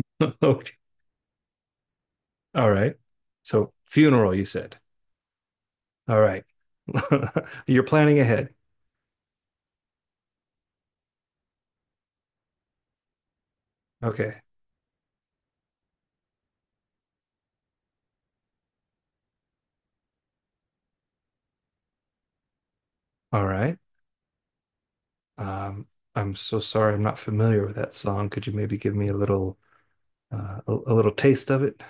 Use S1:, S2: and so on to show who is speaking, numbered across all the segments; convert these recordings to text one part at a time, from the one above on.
S1: Okay. All right. So funeral, you said. All right. You're planning ahead. Okay. All right. Um, I'm so sorry. I'm not familiar with that song. Could you maybe give me a little taste of it?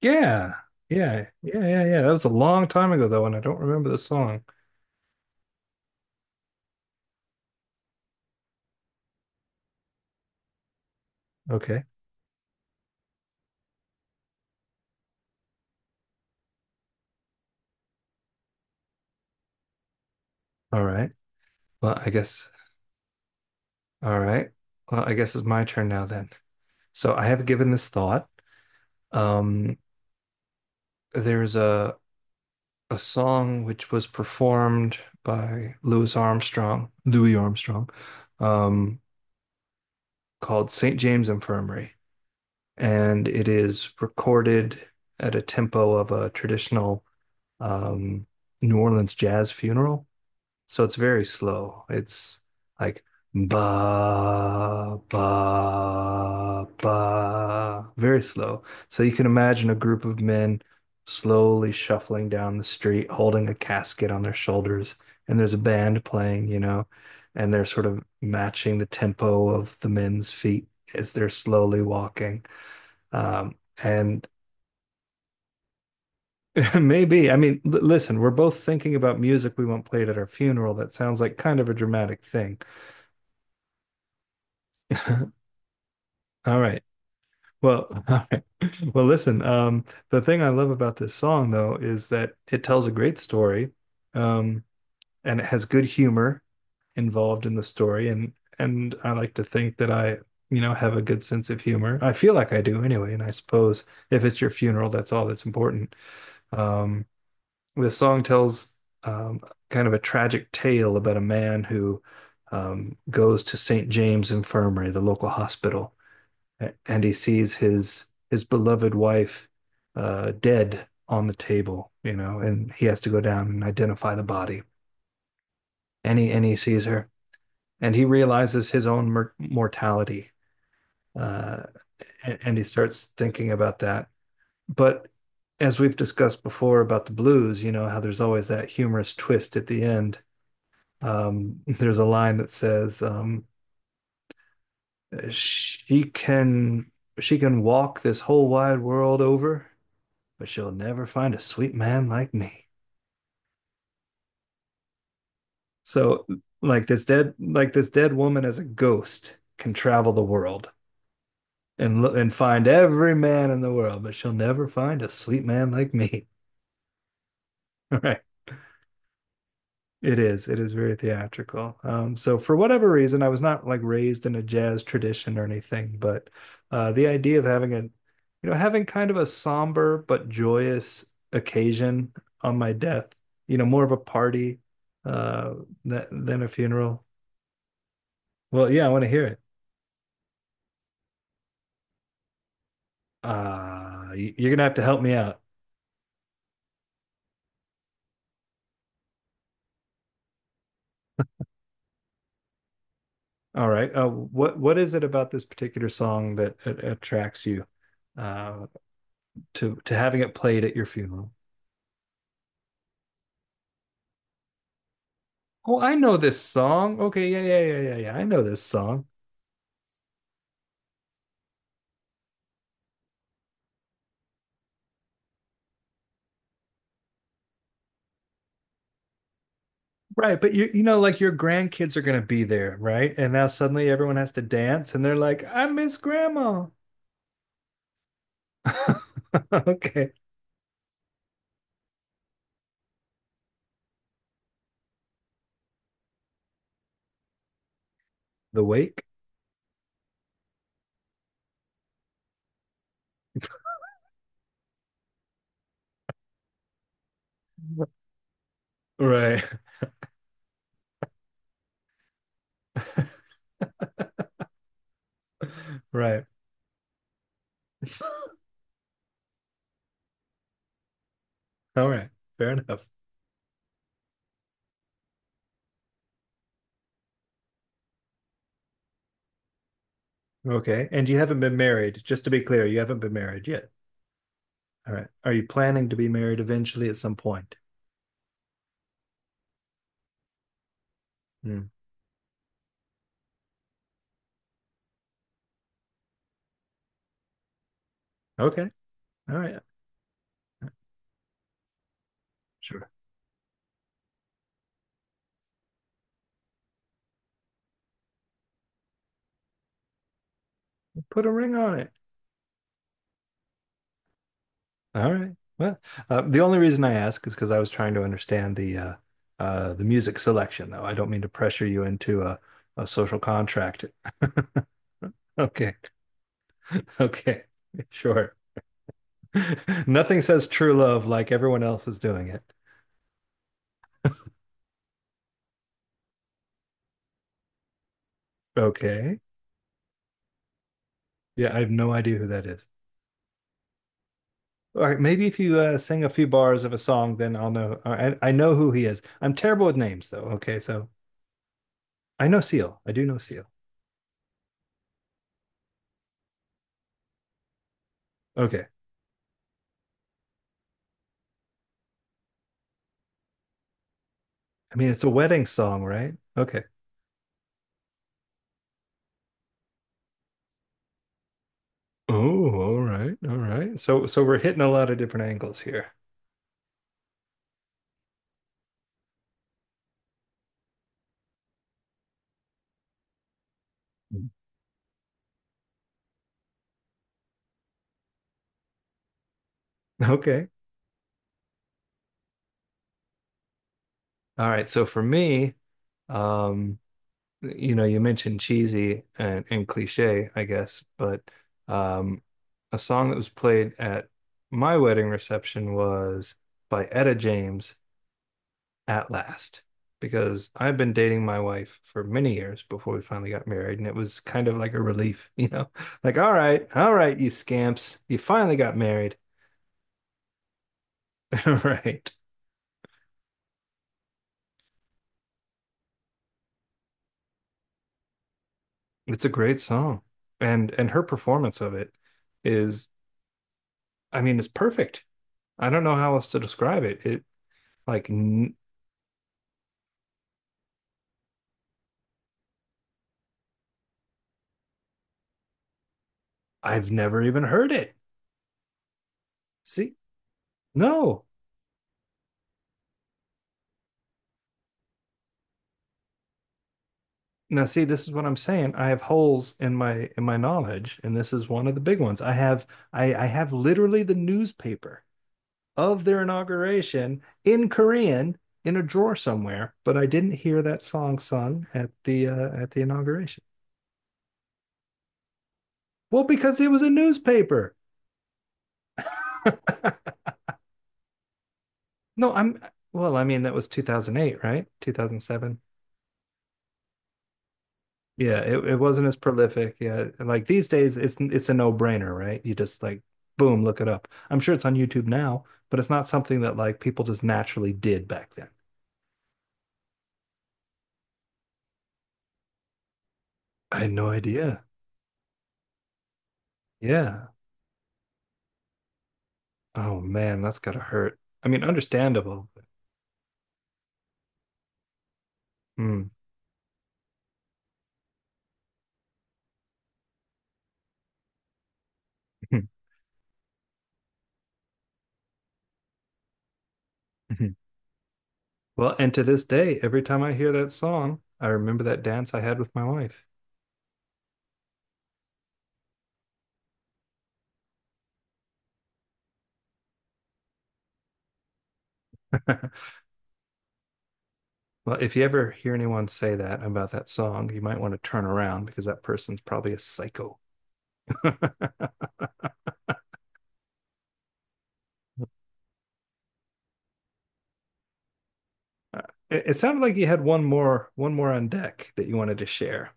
S1: Yeah, yeah, yeah, yeah, yeah. That was a long time ago though, and I don't remember the song. Okay. All right. Well, I guess. All right. Well, I guess it's my turn now then. So I have given this thought. Um, there's a song which was performed by Louis Armstrong, Louis Armstrong, um, called St. James Infirmary. And it is recorded at a tempo of a traditional um, New Orleans jazz funeral. So it's very slow. It's like ba ba ba, very slow. So you can imagine a group of men slowly shuffling down the street, holding a casket on their shoulders, and there's a band playing, you know, and they're sort of matching the tempo of the men's feet as they're slowly walking. Um, and Maybe, I mean, l listen, we're both thinking about music we want played at our funeral. That sounds like kind of a dramatic thing. All right. Well, all right. Well, listen, the thing I love about this song though is that it tells a great story, um, and it has good humor involved in the story, and I like to think that I, you know, have a good sense of humor. I feel like I do anyway, and I suppose if it's your funeral, that's all that's important. Um, the song tells um, kind of a tragic tale about a man who goes to St. James Infirmary, the local hospital, and he sees his beloved wife, dead on the table, you know, and he has to go down and identify the body. And he sees her, and he realizes his own mortality, uh, and he starts thinking about that. But as we've discussed before about the blues, you know how there's always that humorous twist at the end. There's a line that says, "She can she can walk this whole wide world over," but she'll never find a sweet man like me. So like this dead woman as a ghost can travel the world and find every man in the world, but she'll never find a sweet man like me. All right. It is. It is very theatrical. So for whatever reason, I was not like raised in a jazz tradition or anything, but the idea of having a, you know, having kind of a somber but joyous occasion on my death, you know, more of a party, uh, that, than a funeral. Well, yeah, I want to hear it. You're gonna have to help me out. All right. What is it about this particular song that attracts you, uh, to having it played at your funeral? Oh, I know this song. Okay, yeah, yeah, yeah, yeah, yeah. I know this song. Right, but you know, like your grandkids are gonna be there, right? And now suddenly everyone has to dance and they're like, I miss grandma. Okay. The wake? Right, right. All right. Fair enough. Okay. And you haven't been married, just to be clear, you haven't been married yet. All right. Are you planning to be married eventually at some point? Hmm. Okay. All right. Sure. Put a ring on it. All right. Well, the only reason I ask is because I was trying to understand the music selection, though. I don't mean to pressure you into a social contract. Okay. Okay. Sure. Nothing says true love like everyone else is doing it. Okay. Yeah, I have no idea who that is. All right. Maybe if you sing a few bars of a song, then I'll know. I know who he is. I'm terrible with names, though. Okay. So I know Seal. I do know Seal. Okay. I mean, it's a wedding song, right? Okay. Oh, all right, all right. So, so we're hitting a lot of different angles here. Mm. Okay. All right. So for me, um, you know, you mentioned cheesy and cliche, I guess, but um, a song that was played at my wedding reception was by Etta James, At Last, because I've been dating my wife for many years before we finally got married, and it was kind of like a relief, you know, like, all right, you scamps, you finally got married. All right. It's a great song. And her performance of it is, I mean, it's perfect. I don't know how else to describe it. Like n- I've never even heard it. See? No. Now see, this is what I'm saying. I have holes in my knowledge, and this is one of the big ones. I have literally the newspaper of their inauguration in Korean in a drawer somewhere, but I didn't hear that song sung at the inauguration. Well, because it was a newspaper. No, I'm well, I mean that was 2008, right? 2007. Yeah, it wasn't as prolific. Yeah, and, like these days it's a no-brainer, right? You just like boom, look it up. I'm sure it's on YouTube now, but it's not something that like people just naturally did back then. I had no idea. Yeah. Oh man, that's gotta hurt. I mean, understandable. But- Mm. Well, and to this day, every time I hear that song, I remember that dance I had with my wife. Well, if you ever hear anyone say that about that song, you might want to turn around because that person's probably a psycho. it, it sounded like you had one more on deck that you wanted to share.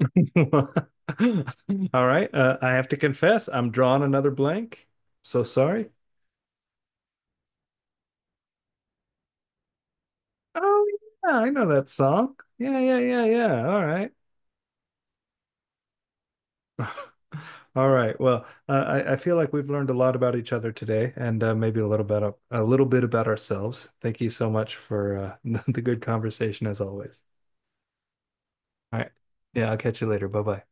S1: All right, I have to confess, I'm drawing another blank. So sorry. Oh yeah, I know that song. Yeah, yeah, yeah, yeah. All right. All right. Well, I feel like we've learned a lot about each other today, and maybe a little bit of, a little bit about ourselves. Thank you so much for the good conversation as always. All right. Yeah, I'll catch you later. Bye bye.